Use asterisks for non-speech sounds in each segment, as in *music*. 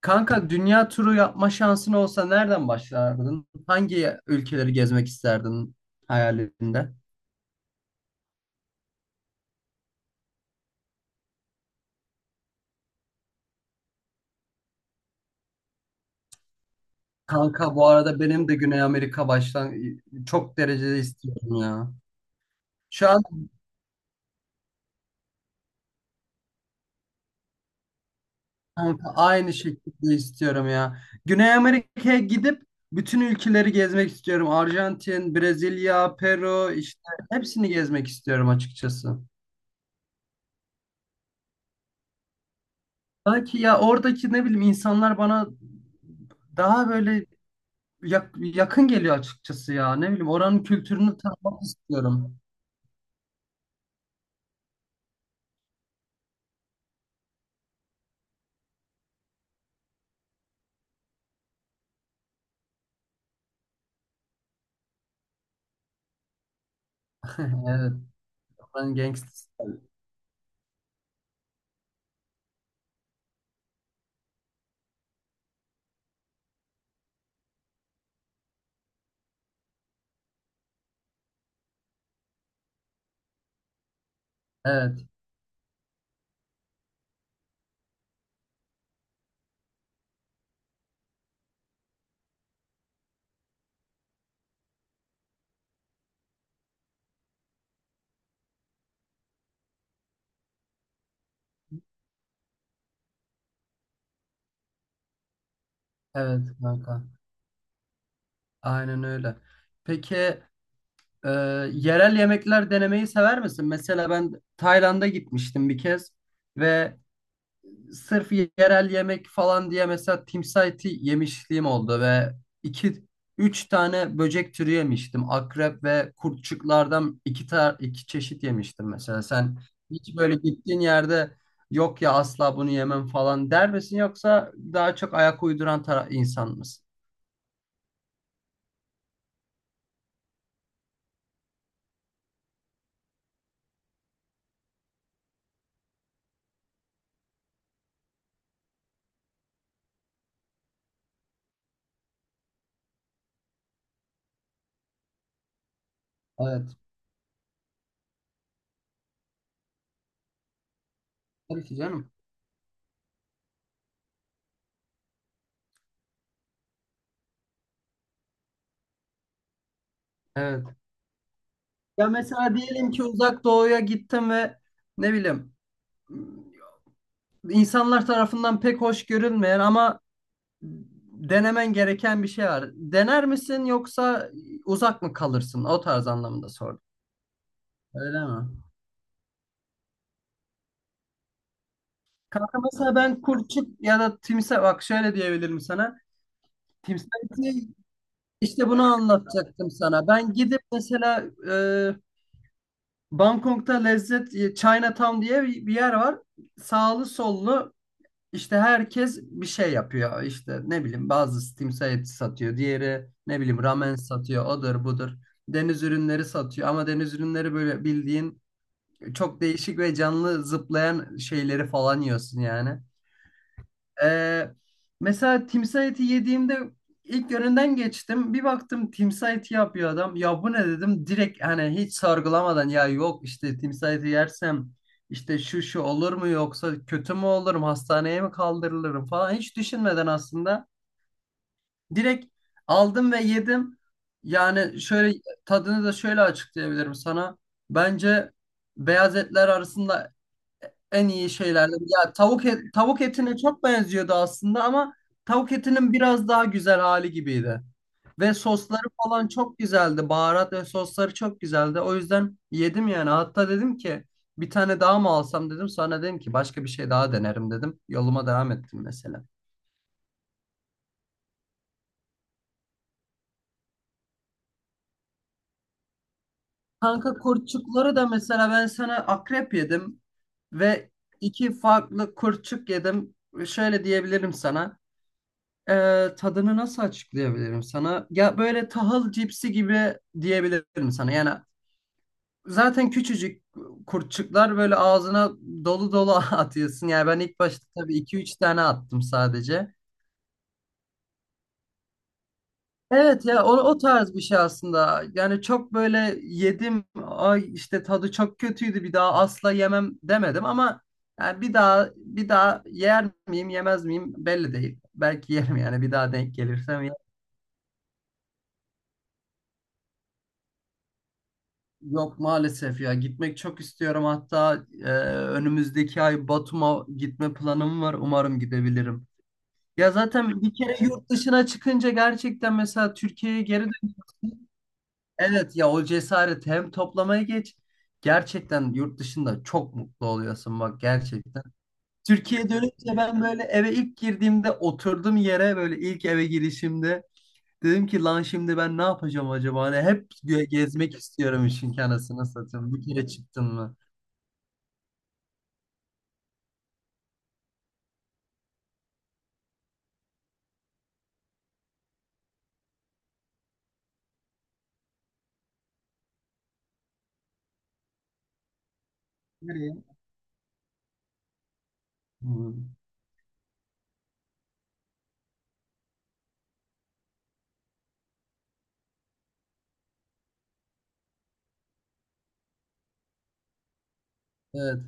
Kanka dünya turu yapma şansın olsa nereden başlardın? Hangi ülkeleri gezmek isterdin hayalinde? Kanka bu arada benim de Güney Amerika baştan çok derecede istiyorum ya. Şu an kanka aynı şekilde istiyorum ya. Güney Amerika'ya gidip bütün ülkeleri gezmek istiyorum. Arjantin, Brezilya, Peru işte hepsini gezmek istiyorum açıkçası. Belki ya oradaki ne bileyim insanlar bana daha böyle yakın geliyor açıkçası ya. Ne bileyim oranın kültürünü tanımak istiyorum. *laughs* Evet. Oranın gangsters. Evet. Evet kanka. Aynen öyle. Peki e, yerel yemekler denemeyi sever misin? Mesela ben Tayland'a gitmiştim bir kez ve sırf yerel yemek falan diye mesela timsah eti yemişliğim oldu ve iki üç tane böcek türü yemiştim. Akrep ve kurtçuklardan iki çeşit yemiştim mesela. Sen hiç böyle gittiğin yerde yok ya asla bunu yemem falan der misin yoksa daha çok ayak uyduran insan mısın? Evet. Tabii ki canım. Evet. Ya mesela diyelim ki uzak doğuya gittim ve ne bileyim insanlar tarafından pek hoş görülmeyen ama denemen gereken bir şey var. Dener misin yoksa uzak mı kalırsın? O tarz anlamında sordum. Öyle mi? Kanka mesela ben kurçuk ya da timsah bak şöyle diyebilirim sana. Timsah eti- işte bunu anlatacaktım sana. Ben gidip mesela e, Bangkok'ta lezzet Chinatown diye bir yer var. Sağlı sollu İşte herkes bir şey yapıyor. İşte ne bileyim bazı timsah eti satıyor. Diğeri ne bileyim ramen satıyor. Odur budur. Deniz ürünleri satıyor. Ama deniz ürünleri böyle bildiğin çok değişik ve canlı zıplayan şeyleri falan yiyorsun yani. Ee, mesela timsah eti yediğimde ilk yönünden geçtim. Bir baktım timsah eti yapıyor adam. Ya bu ne dedim. Direkt hani hiç sorgulamadan ya yok işte timsah eti yersem işte şu şu olur mu yoksa kötü mü olurum hastaneye mi kaldırılırım falan hiç düşünmeden aslında direkt aldım ve yedim. Yani şöyle tadını da şöyle açıklayabilirim sana. Bence beyaz etler arasında en iyi şeylerden. Ya tavuk etine çok benziyordu aslında ama tavuk etinin biraz daha güzel hali gibiydi. Ve sosları falan çok güzeldi. Baharat ve sosları çok güzeldi. O yüzden yedim yani. Hatta dedim ki bir tane daha mı alsam dedim. Sonra dedim ki başka bir şey daha denerim dedim. Yoluma devam ettim mesela. Kanka kurtçukları da mesela ben sana akrep yedim ve iki farklı kurtçuk yedim. Şöyle diyebilirim sana. Tadını nasıl açıklayabilirim sana? Ya böyle tahıl cipsi gibi diyebilirim sana. Yani zaten küçücük kurtçuklar böyle ağzına dolu dolu *laughs* atıyorsun. Yani ben ilk başta tabii iki üç tane attım sadece. Evet ya o tarz bir şey aslında. Yani çok böyle yedim, ay işte tadı çok kötüydü bir daha asla yemem demedim ama yani bir daha bir daha yer miyim yemez miyim belli değil. Belki yerim yani bir daha denk gelirsem. Yok maalesef ya gitmek çok istiyorum hatta önümüzdeki ay Batum'a gitme planım var umarım gidebilirim. Ya zaten bir kere yurt dışına çıkınca gerçekten mesela Türkiye'ye geri dönüyorsun. Evet ya o cesaret hem toplamaya geç gerçekten yurt dışında çok mutlu oluyorsun bak gerçekten. Türkiye'ye dönünce ben böyle eve ilk girdiğimde oturduğum yere böyle ilk eve girişimde dedim ki lan şimdi ben ne yapacağım acaba? Hani hep gezmek istiyorum işin kanasını satayım. Bir kere çıktın mı? Nereye? Hmm. Evet.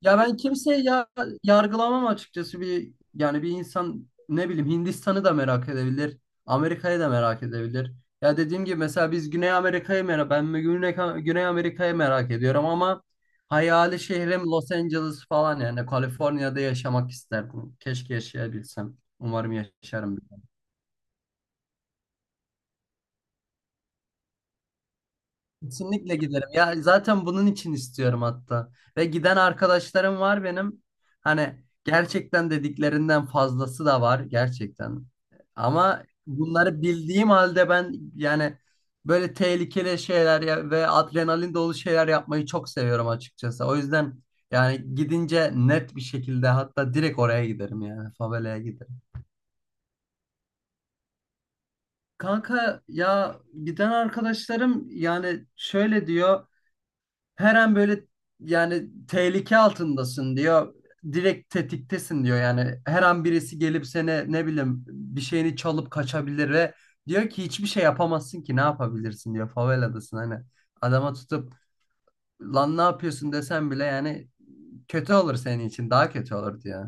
Ya ben kimseyi ya yargılamam açıkçası bir yani bir insan ne bileyim Hindistan'ı da merak edebilir. Amerika'yı da merak edebilir. Ya dediğim gibi mesela biz Güney Amerika'yı merak ben de Güney Amerika'yı merak ediyorum ama hayali şehrim Los Angeles falan yani Kaliforniya'da yaşamak isterdim. Keşke yaşayabilsem. Umarım yaşarım. Kesinlikle giderim. Ya zaten bunun için istiyorum hatta. Ve giden arkadaşlarım var benim. Hani gerçekten dediklerinden fazlası da var gerçekten. Ama bunları bildiğim halde ben yani böyle tehlikeli şeyler ve adrenalin dolu şeyler yapmayı çok seviyorum açıkçası. O yüzden yani gidince net bir şekilde hatta direkt oraya giderim yani favelaya giderim. Kanka ya giden arkadaşlarım yani şöyle diyor. Her an böyle yani tehlike altındasın diyor. Direkt tetiktesin diyor yani. Her an birisi gelip seni ne bileyim bir şeyini çalıp kaçabilir ve diyor ki hiçbir şey yapamazsın ki ne yapabilirsin diyor. Faveladasın hani. Adama tutup lan ne yapıyorsun desen bile yani kötü olur senin için daha kötü olur diyor.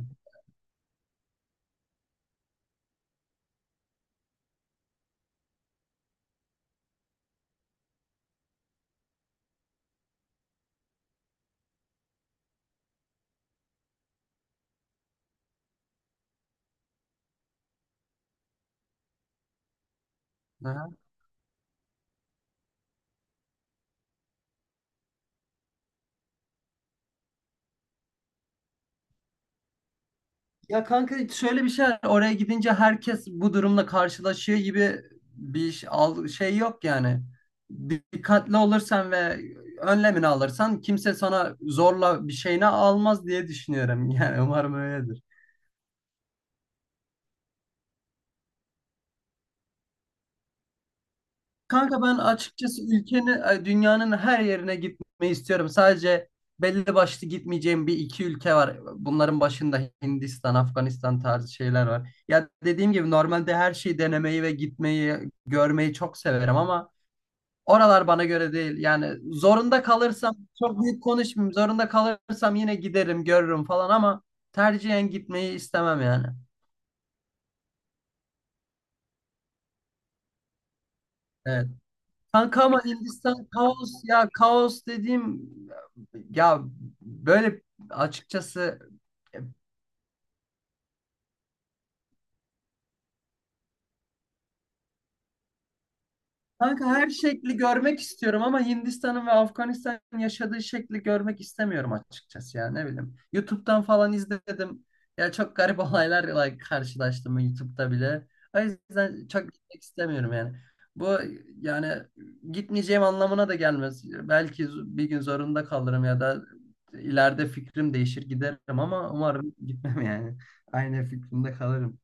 Ya kanka şöyle bir şey var. Oraya gidince herkes bu durumla karşılaşıyor gibi bir şey. Şey yok yani. Dikkatli olursan ve önlemini alırsan kimse sana zorla bir şeyini almaz diye düşünüyorum. *laughs* Yani umarım öyledir. Kanka ben açıkçası dünyanın her yerine gitmeyi istiyorum. Sadece belli başlı gitmeyeceğim bir iki ülke var. Bunların başında Hindistan, Afganistan tarzı şeyler var. Ya dediğim gibi normalde her şeyi denemeyi ve gitmeyi, görmeyi çok severim ama oralar bana göre değil. Yani zorunda kalırsam çok büyük konuşmayayım. Zorunda kalırsam yine giderim, görürüm falan ama tercihen gitmeyi istemem yani. Evet. Kanka ama Hindistan kaos ya kaos dediğim ya böyle açıkçası. Kanka her şekli görmek istiyorum ama Hindistan'ın ve Afganistan'ın yaşadığı şekli görmek istemiyorum açıkçası ya ne bileyim. YouTube'dan falan izledim. Ya çok garip *laughs* olaylarla karşılaştım YouTube'da bile. O yüzden çok gitmek istemiyorum yani. Bu yani gitmeyeceğim anlamına da gelmez. Belki bir gün zorunda kalırım ya da ileride fikrim değişir giderim ama umarım gitmem yani. *laughs* Aynı fikrimde kalırım.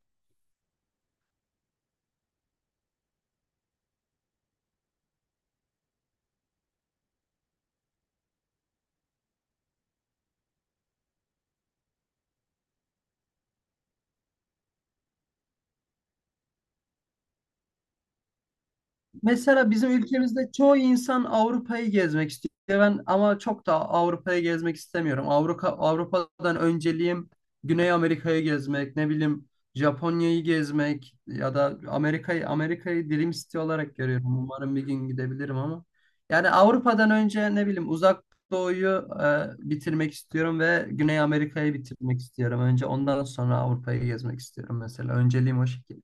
Mesela bizim ülkemizde çoğu insan Avrupa'yı gezmek istiyor. Ben ama çok da Avrupa'yı gezmek istemiyorum. Avrupa'dan önceliğim Güney Amerika'yı gezmek, ne bileyim Japonya'yı gezmek ya da Amerika'yı dilim istiyor olarak görüyorum. Umarım bir gün gidebilirim ama. Yani Avrupa'dan önce ne bileyim Uzak Doğu'yu bitirmek istiyorum ve Güney Amerika'yı bitirmek istiyorum. Önce ondan sonra Avrupa'yı gezmek istiyorum mesela. Önceliğim o şekilde.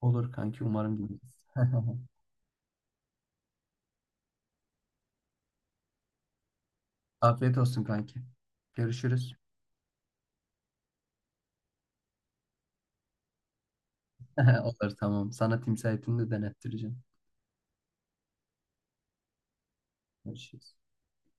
Olur kanki umarım gideriz. *laughs* Afiyet olsun kanki. Görüşürüz. *laughs* Olur tamam. Sana timsah etini de denettireceğim. Görüşürüz.